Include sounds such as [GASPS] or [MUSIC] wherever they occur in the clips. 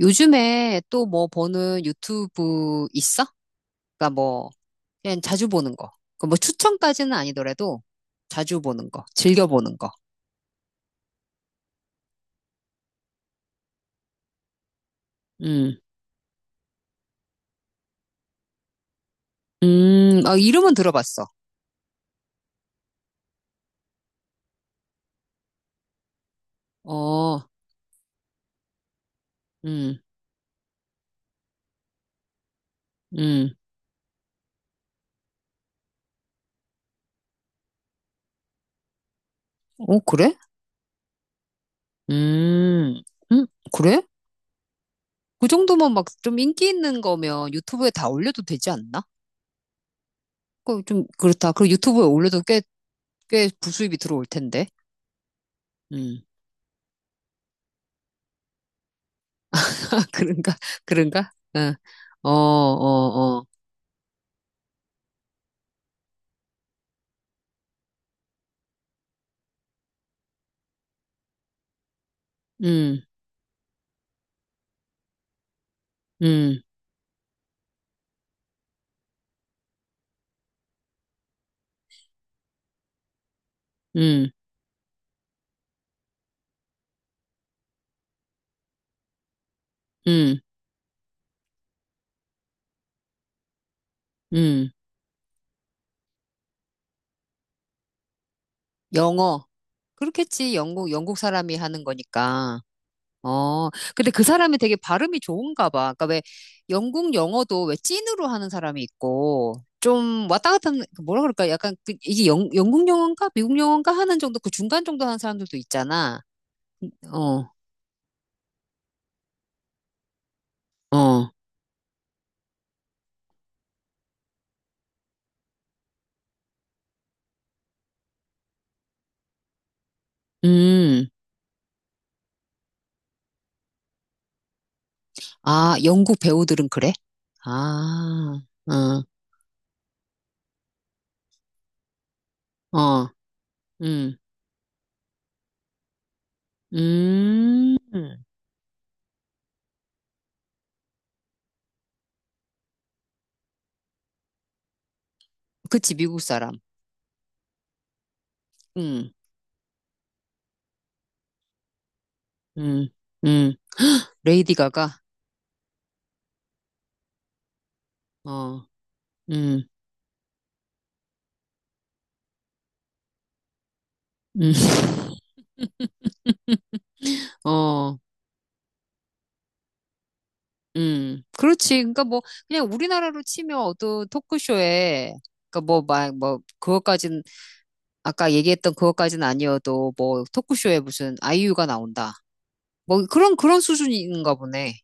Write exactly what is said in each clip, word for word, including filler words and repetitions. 요즘에 또 뭐 보는 유튜브 있어? 그러니까 뭐 그냥 자주 보는 거. 그뭐 추천까지는 아니더라도 자주 보는 거, 즐겨 보는 거. 음, 음, 아, 이름은 들어봤어. 어, 음, 음, 오, 그래? 음, 음, 그래? 그 정도면 막 좀 인기 있는 거면 유튜브에 다 올려도 되지 않나? 그 좀 그렇다. 그리고 유튜브에 올려도 꽤, 꽤 부수입이 들어올 텐데. 음, [LAUGHS] 그런가? 그런가? 응, 어, 어, 어, 음. 음, 음, 음, 음. 영어. 그렇겠지. 영국, 영국 사람이 하는 거니까. 어. 근데 그 사람이 되게 발음이 좋은가 봐. 그러니까 왜 영국 영어도 왜 찐으로 하는 사람이 있고 좀 왔다 갔다 하는, 그 뭐라 그럴까? 약간 그 이게 영, 영국 영어인가? 미국 영어인가? 하는 정도 그 중간 정도 하는 사람들도 있잖아. 어, 어. 음. 아, 영국 배우들은 그래? 아, 어, 어. 음, 음. 그치, 미국 사람. 음. 음, 음, 레이디 가가, 어, 음, 음, [LAUGHS] 어, 음, 그렇지. 그러니까 뭐, 그냥 우리나라로 치면 어떤 토크쇼에, 그러니까 뭐, 막, 뭐, 그것까진, 아까 얘기했던 그것까진 아니어도, 뭐, 토크쇼에 무슨 아이유가 나온다. 뭐, 그런, 그런 수준인가 보네.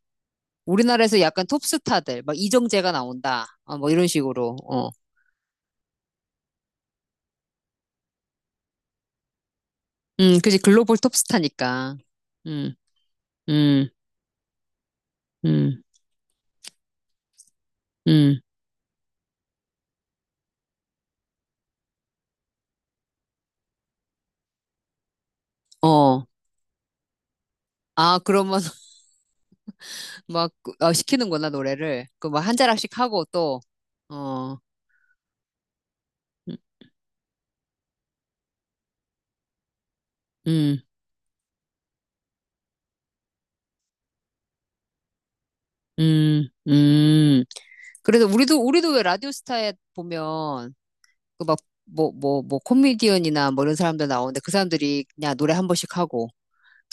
우리나라에서 약간 톱스타들, 막 이정재가 나온다. 아, 뭐, 이런 식으로, 어. 음, 그지. 글로벌 톱스타니까. 음, 음, 음, 음, 어. 아, 그러면 막 그, 어, 시키는구나 노래를 그 막 한 자락씩 하고 또어 음, 음, 음. 음. 그래서 우리도, 우리도 왜 라디오스타에 보면, 그 막, 뭐, 뭐, 뭐, 코미디언이나 뭐 이런 사람들 나오는데 그 사람들이 그냥 노래 한 번씩 하고,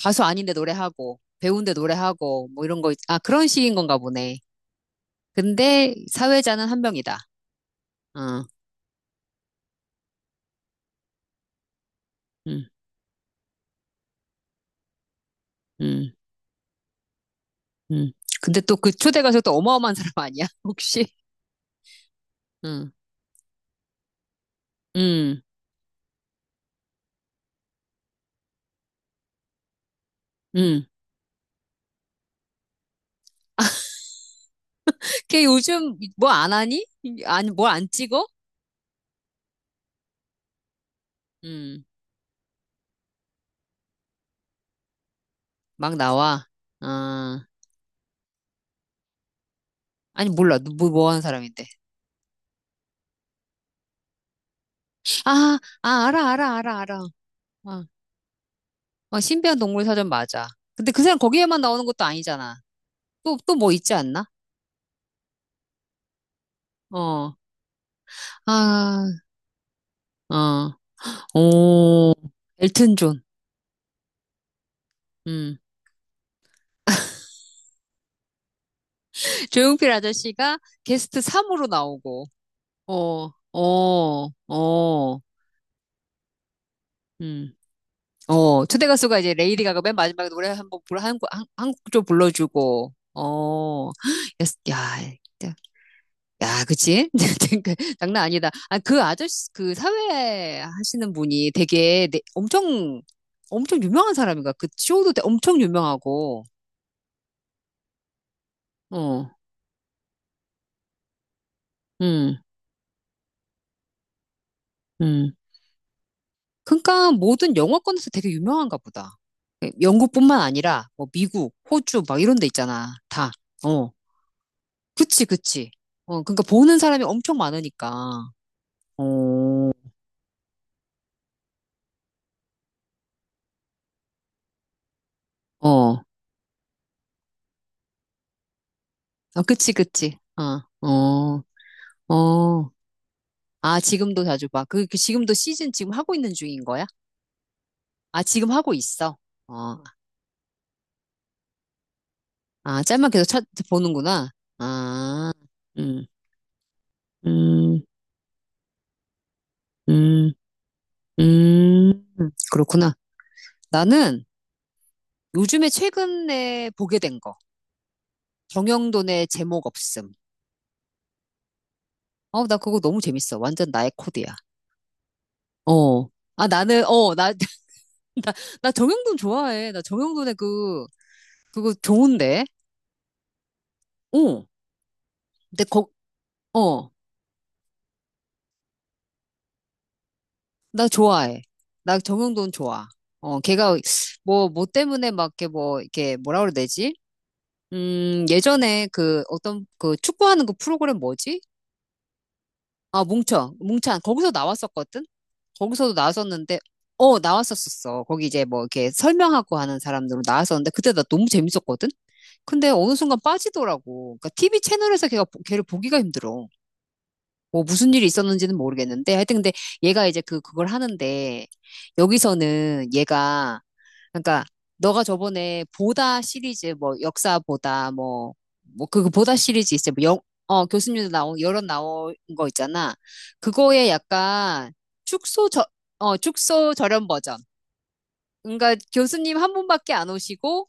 가수 아닌데 노래하고, 배우인데 노래하고, 뭐 이런 거, 있- 아, 그런 식인 건가 보네. 근데 사회자는 한 명이다. 어, 음, 음, 음. 근데 또 그 초대 가수 또 어마어마한 사람 아니야? [LAUGHS] 혹시? 음, 음, 음. 걔 요즘 뭐 안 하니? 아니, 뭘 안 찍어? 음, 막 나와. 아, 아니, 몰라. 누 뭐, 뭐 하는 사람인데. 아, 아, 알아, 알아, 알아, 알아. 아, 어, 신비한 동물 사전 맞아. 근데 그 사람 거기에만 나오는 것도 아니잖아. 또, 또 뭐 있지 않나? 어, 아, 어, 오, 엘튼 존. 음. 조용필 아저씨가 게스트 삼으로 나오고, 어, 어, 어, 음. 어, 초대 가수가 이제 레이디 가가 맨 마지막에 노래 한번 불, 한국, 한, 한국 좀 불러주고, 어, [GASPS] 야, 야, 야, 그치? [LAUGHS] 그 장난 아니다. 아, 그 아저씨, 그 사회 하시는 분이 되게 내- 엄청, 엄청 유명한 사람인가? 그 쇼도 되- 엄청 유명하고, 어, 음, 음. 그러니까 모든 영어권에서 되게 유명한가 보다. 영국뿐만 아니라, 뭐 미국, 호주, 막 이런 데 있잖아. 다. 어. 그치, 그치. 어, 그러니까 보는 사람이 엄청 많으니까. 어, 어, 어, 그치, 그치. 어, 어, 어. 아, 지금도 자주 봐. 그, 그 지금도 시즌 지금 하고 있는 중인 거야? 아, 지금 하고 있어. 어, 아, 짤만 계속 찾, 보는구나. 아, 음, 음, 음, 음. 그렇구나. 나는 요즘에 최근에 보게 된 거. 정형돈의 제목 없음. 어, 나 그거 너무 재밌어. 완전 나의 코드야. 어. 아, 나는, 어, 나, [LAUGHS] 나 정형돈 좋아해. 나 정형돈의 그, 그거 좋은데? 어. 근데 거, 어. 나 좋아해. 나 정형돈 좋아. 어, 걔가, 뭐, 뭐 때문에 막, 이렇게 뭐, 이렇게, 뭐라 그래야 되지? 음, 예전에 그, 어떤, 그, 축구하는 그 프로그램 뭐지? 아, 뭉쳐. 뭉찬. 거기서 나왔었거든? 거기서도 나왔었는데, 어, 나왔었었어. 거기 이제 뭐, 이렇게 설명하고 하는 사람들로 나왔었는데, 그때 나 너무 재밌었거든? 근데 어느 순간 빠지더라고. 그러니까 티비 채널에서 걔가 보- 걔를 보기가 힘들어. 뭐 무슨 일이 있었는지는 모르겠는데 하여튼 근데 얘가 이제 그 그걸 하는데 여기서는 얘가 그러니까 너가 저번에 보다 시리즈 뭐 역사 보다 뭐 뭐그 그 보다 시리즈 있어 뭐영어 교수님도 나온 여러 나온 거 있잖아. 그거에 약간 축소 저어 축소 저렴 버전. 그러니까 교수님 한 분밖에 안 오시고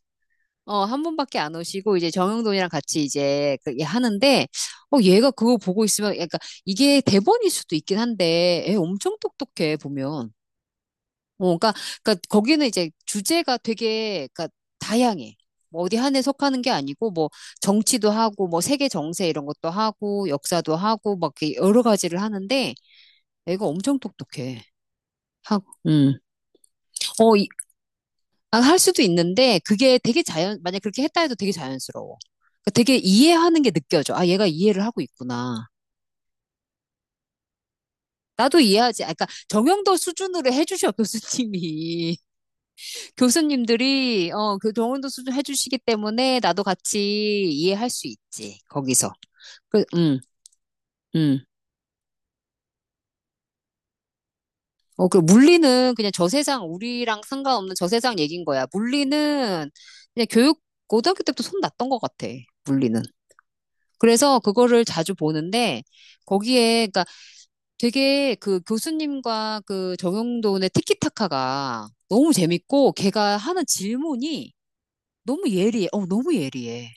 어, 한 분밖에 안 오시고, 이제 정영돈이랑 같이 이제 그, 얘 하는데, 어, 얘가 그거 보고 있으면, 그러니까 이게 대본일 수도 있긴 한데, 애 엄청 똑똑해, 보면. 어, 그러니까, 그러니까 거기는 이제 주제가 되게, 그러니까 다양해. 뭐 어디 한 해 속하는 게 아니고, 뭐, 정치도 하고, 뭐, 세계 정세 이런 것도 하고, 역사도 하고, 막 이렇게 여러 가지를 하는데, 애가 엄청 똑똑해. 하고, 음. 어, 아, 할 수도 있는데 그게 되게 자연, 만약 그렇게 했다 해도 되게 자연스러워. 그러니까 되게 이해하는 게 느껴져. 아, 얘가 이해를 하고 있구나. 나도 이해하지. 아, 그러니까 정형도 수준으로 해주셔, 교수님이. [LAUGHS] 교수님들이, 어, 그 정형도 수준 해주시기 때문에 나도 같이 이해할 수 있지, 거기서. 그, 음, 음. 어, 그 물리는 그냥 저 세상, 우리랑 상관없는 저 세상 얘기인 거야. 물리는 그냥 교육, 고등학교 때부터 손 났던 것 같아, 물리는. 그래서 그거를 자주 보는데 거기에 그러니까 되게 그 교수님과 그 정용돈의 티키타카가 너무 재밌고 걔가 하는 질문이 너무 예리해. 어, 너무 예리해.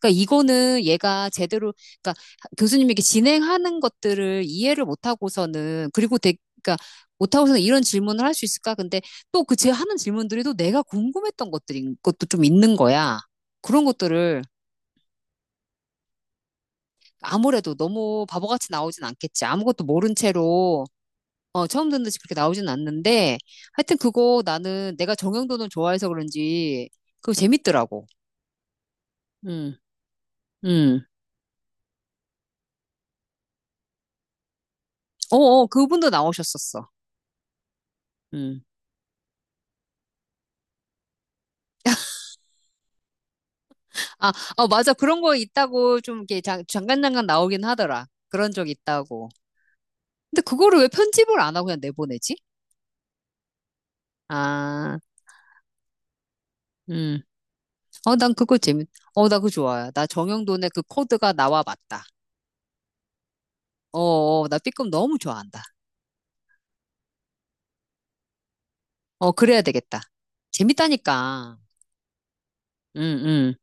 그러니까 이거는 얘가 제대로 그러니까 교수님에게 진행하는 것들을 이해를 못 하고서는 그리고 되게 그러니까 못 하고서는 이런 질문을 할 수 있을까? 근데 또 그 제 하는 질문들이 또 내가 궁금했던 것들인 것도 좀 있는 거야. 그런 것들을 아무래도 너무 바보같이 나오진 않겠지. 아무것도 모른 채로, 어, 처음 듣는 듯이 그렇게 나오진 않는데, 하여튼 그거 나는 내가 정형돈을 좋아해서 그런지, 그거 재밌더라고. 음, 음. 어어, 그분도 나오셨었어. 음. 아, 어, 맞아. 그런 거 있다고 좀 이렇게 잠- 잠깐잠깐 나오긴 하더라. 그런 적 있다고. 근데 그거를 왜 편집을 안 하고 그냥 내보내지? 아, 음. 어, 난 그거 재밌, 어, 나 그거 좋아요. 나 정형돈의 그 코드가 나와 맞다. 어, 어, 나 B급 너무 좋아한다. 어, 그래야 되겠다. 재밌다니까. 응, 응.